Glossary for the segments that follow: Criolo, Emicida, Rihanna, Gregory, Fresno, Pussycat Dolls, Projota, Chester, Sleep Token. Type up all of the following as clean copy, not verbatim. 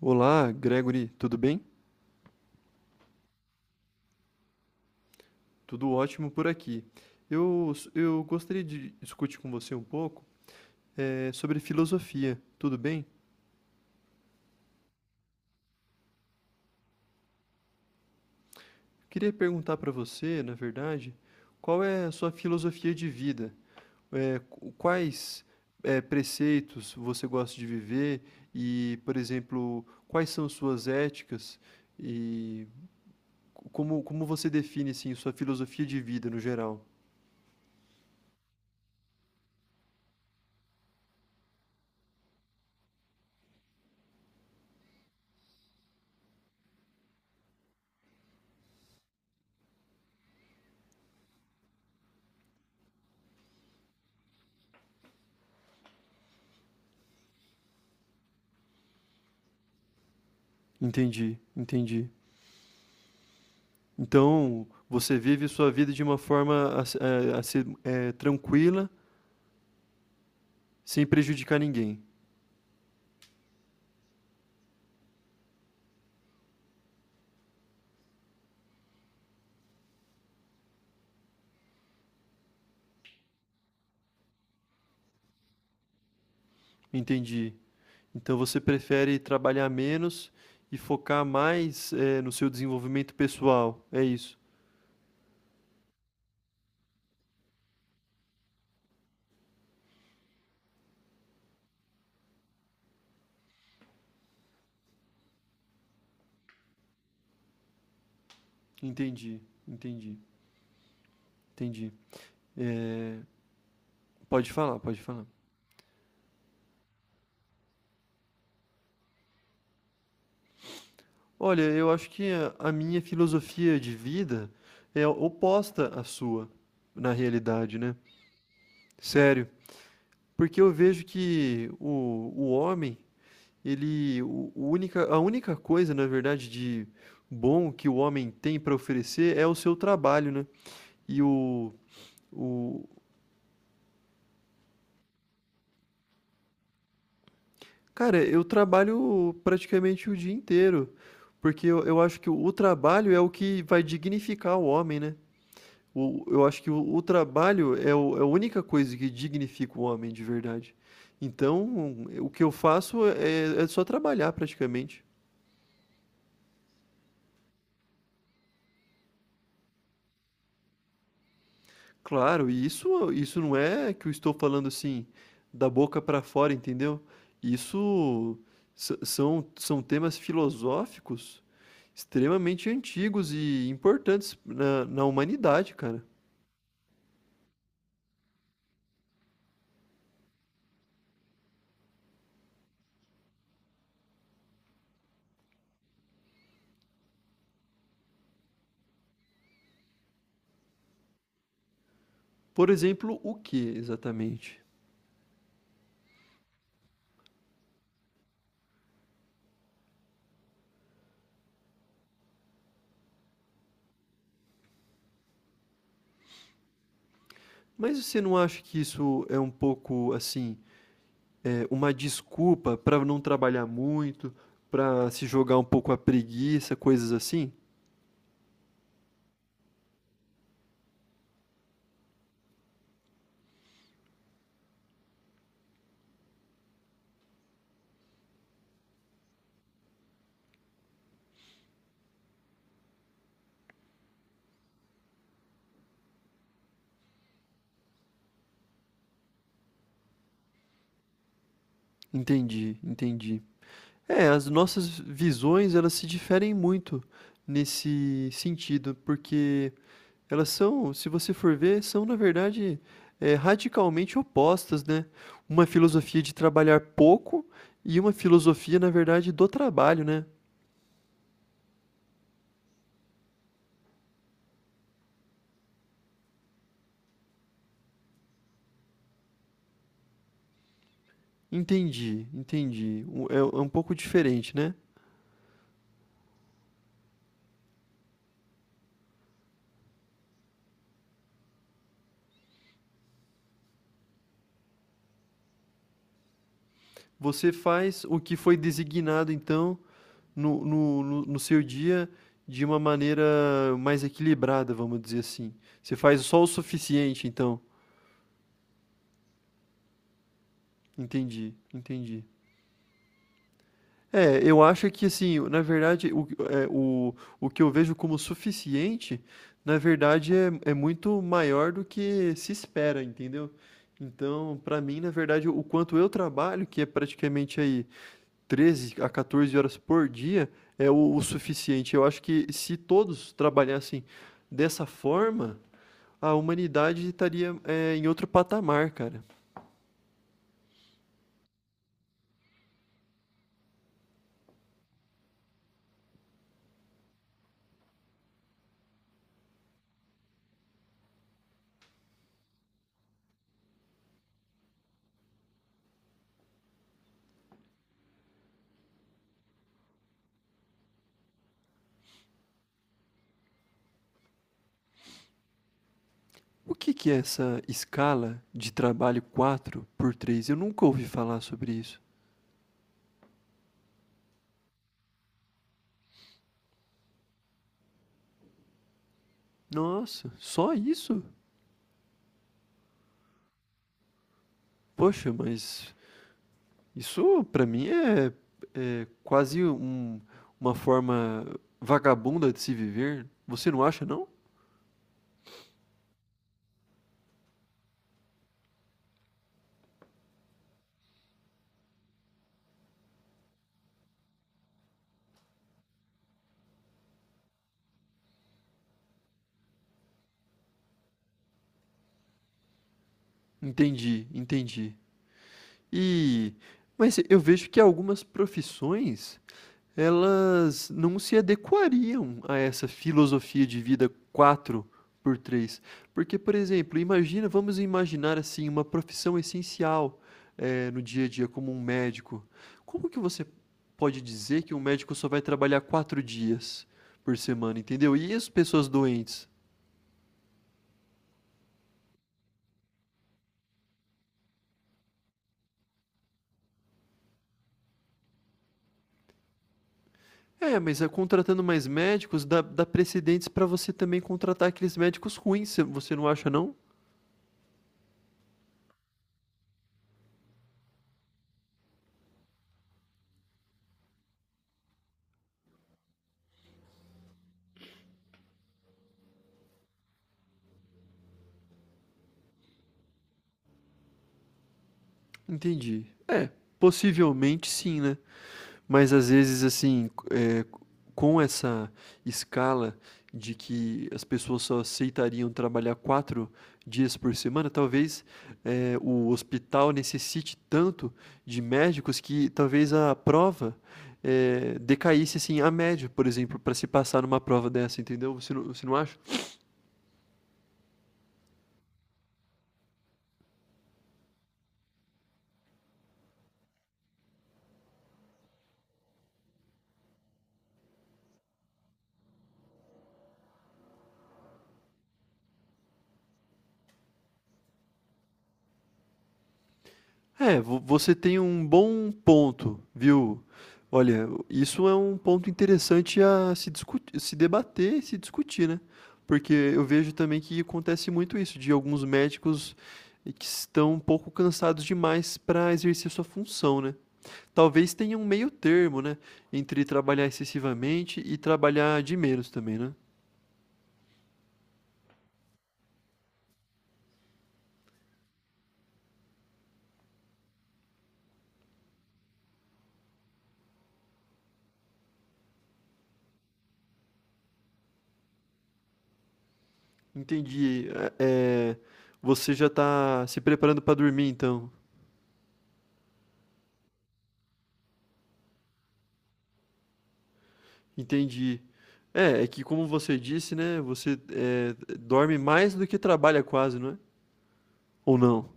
Olá, Gregory, tudo bem? Tudo ótimo por aqui. Eu gostaria de discutir com você um pouco sobre filosofia, tudo bem? Queria perguntar para você, na verdade, qual é a sua filosofia de vida? Quais preceitos você gosta de viver e, por exemplo, quais são suas éticas e como você define assim, sua filosofia de vida no geral? Entendi, entendi. Então, você vive sua vida de uma forma a ser tranquila, sem prejudicar ninguém. Entendi. Então, você prefere trabalhar menos e focar mais no seu desenvolvimento pessoal. É isso. Entendi, entendi, entendi. Eh, pode falar, pode falar. Olha, eu acho que a minha filosofia de vida é oposta à sua, na realidade, né? Sério. Porque eu vejo que o homem. Ele o única a única coisa, na verdade, de bom que o homem tem para oferecer é o seu trabalho, né. E o Cara, eu trabalho praticamente o dia inteiro, porque eu acho que o trabalho é o que vai dignificar o homem, né. O Eu acho que o trabalho é o é a única coisa que dignifica o homem de verdade. Então, o que eu faço é só trabalhar praticamente. Claro, e isso não é que eu estou falando, assim, da boca para fora, entendeu? Isso s São temas filosóficos extremamente antigos e importantes na humanidade, cara. Por exemplo, o que exatamente? Mas você não acha que isso é um pouco, assim, uma desculpa para não trabalhar muito, para se jogar um pouco à preguiça, coisas assim? Entendi, entendi. É, as nossas visões, elas se diferem muito nesse sentido, porque elas são, se você for ver, são na verdade, radicalmente opostas, né. Uma filosofia de trabalhar pouco e uma filosofia, na verdade, do trabalho, né. Entendi, entendi. O É um pouco diferente, né. Você faz o que foi designado, então, no seu dia de uma maneira mais equilibrada, vamos dizer assim. Você faz só o suficiente, então. Entendi, entendi. É, eu acho que assim, na verdade, o que eu vejo como suficiente, na verdade, é muito maior do que se espera, entendeu? Então, para mim, na verdade, o quanto eu trabalho, que é praticamente aí treze a 14 horas por dia é o suficiente. Eu acho que se todos trabalhassem dessa forma, a humanidade estaria em outro patamar, cara. O que é essa escala de trabalho 4 por 3? Eu nunca ouvi falar sobre isso. Nossa, só isso? Poxa, mas isso para mim é quase uma forma vagabunda de se viver. Você não acha, não? Entendi, entendi. E mas eu vejo que algumas profissões, elas não se adequariam a essa filosofia de vida quatro por três. Porque, por exemplo, imagina vamos imaginar, assim, uma profissão essencial, no dia a dia, como um médico. Como que você pode dizer que um médico só vai trabalhar 4 dias por semana, entendeu? E as pessoas doentes? É, mas, contratando mais médicos dá precedentes para você também contratar aqueles médicos ruins, você não acha não? Entendi. É, possivelmente sim, né? Mas às vezes, assim, é, com essa escala de que as pessoas só aceitariam trabalhar quatro dias por semana, talvez o hospital necessite tanto de médicos que talvez a prova decaísse assim a média, por exemplo, para se passar numa prova dessa, entendeu? Você não acha? É, vo você tem um bom ponto, viu. Olha, isso é um ponto interessante a se discutir, se debater e se discutir, né. Porque eu vejo também que acontece muito isso, de alguns médicos que estão um pouco cansados demais para exercer sua função, né. Talvez tenha um meio termo, né, entre trabalhar excessivamente e trabalhar de menos também, né. Entendi. Você já está se preparando para dormir então? Entendi. É, é que como você disse, né, você dorme mais do que trabalha quase, não é? Ou não?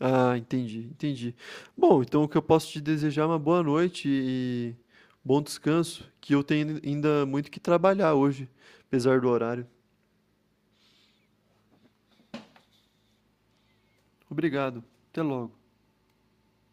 Ah, entendi, entendi. Bom, então o que eu posso te desejar é uma boa noite e bom descanso, que eu tenho ainda muito que trabalhar hoje, apesar do horário. Obrigado. Até logo.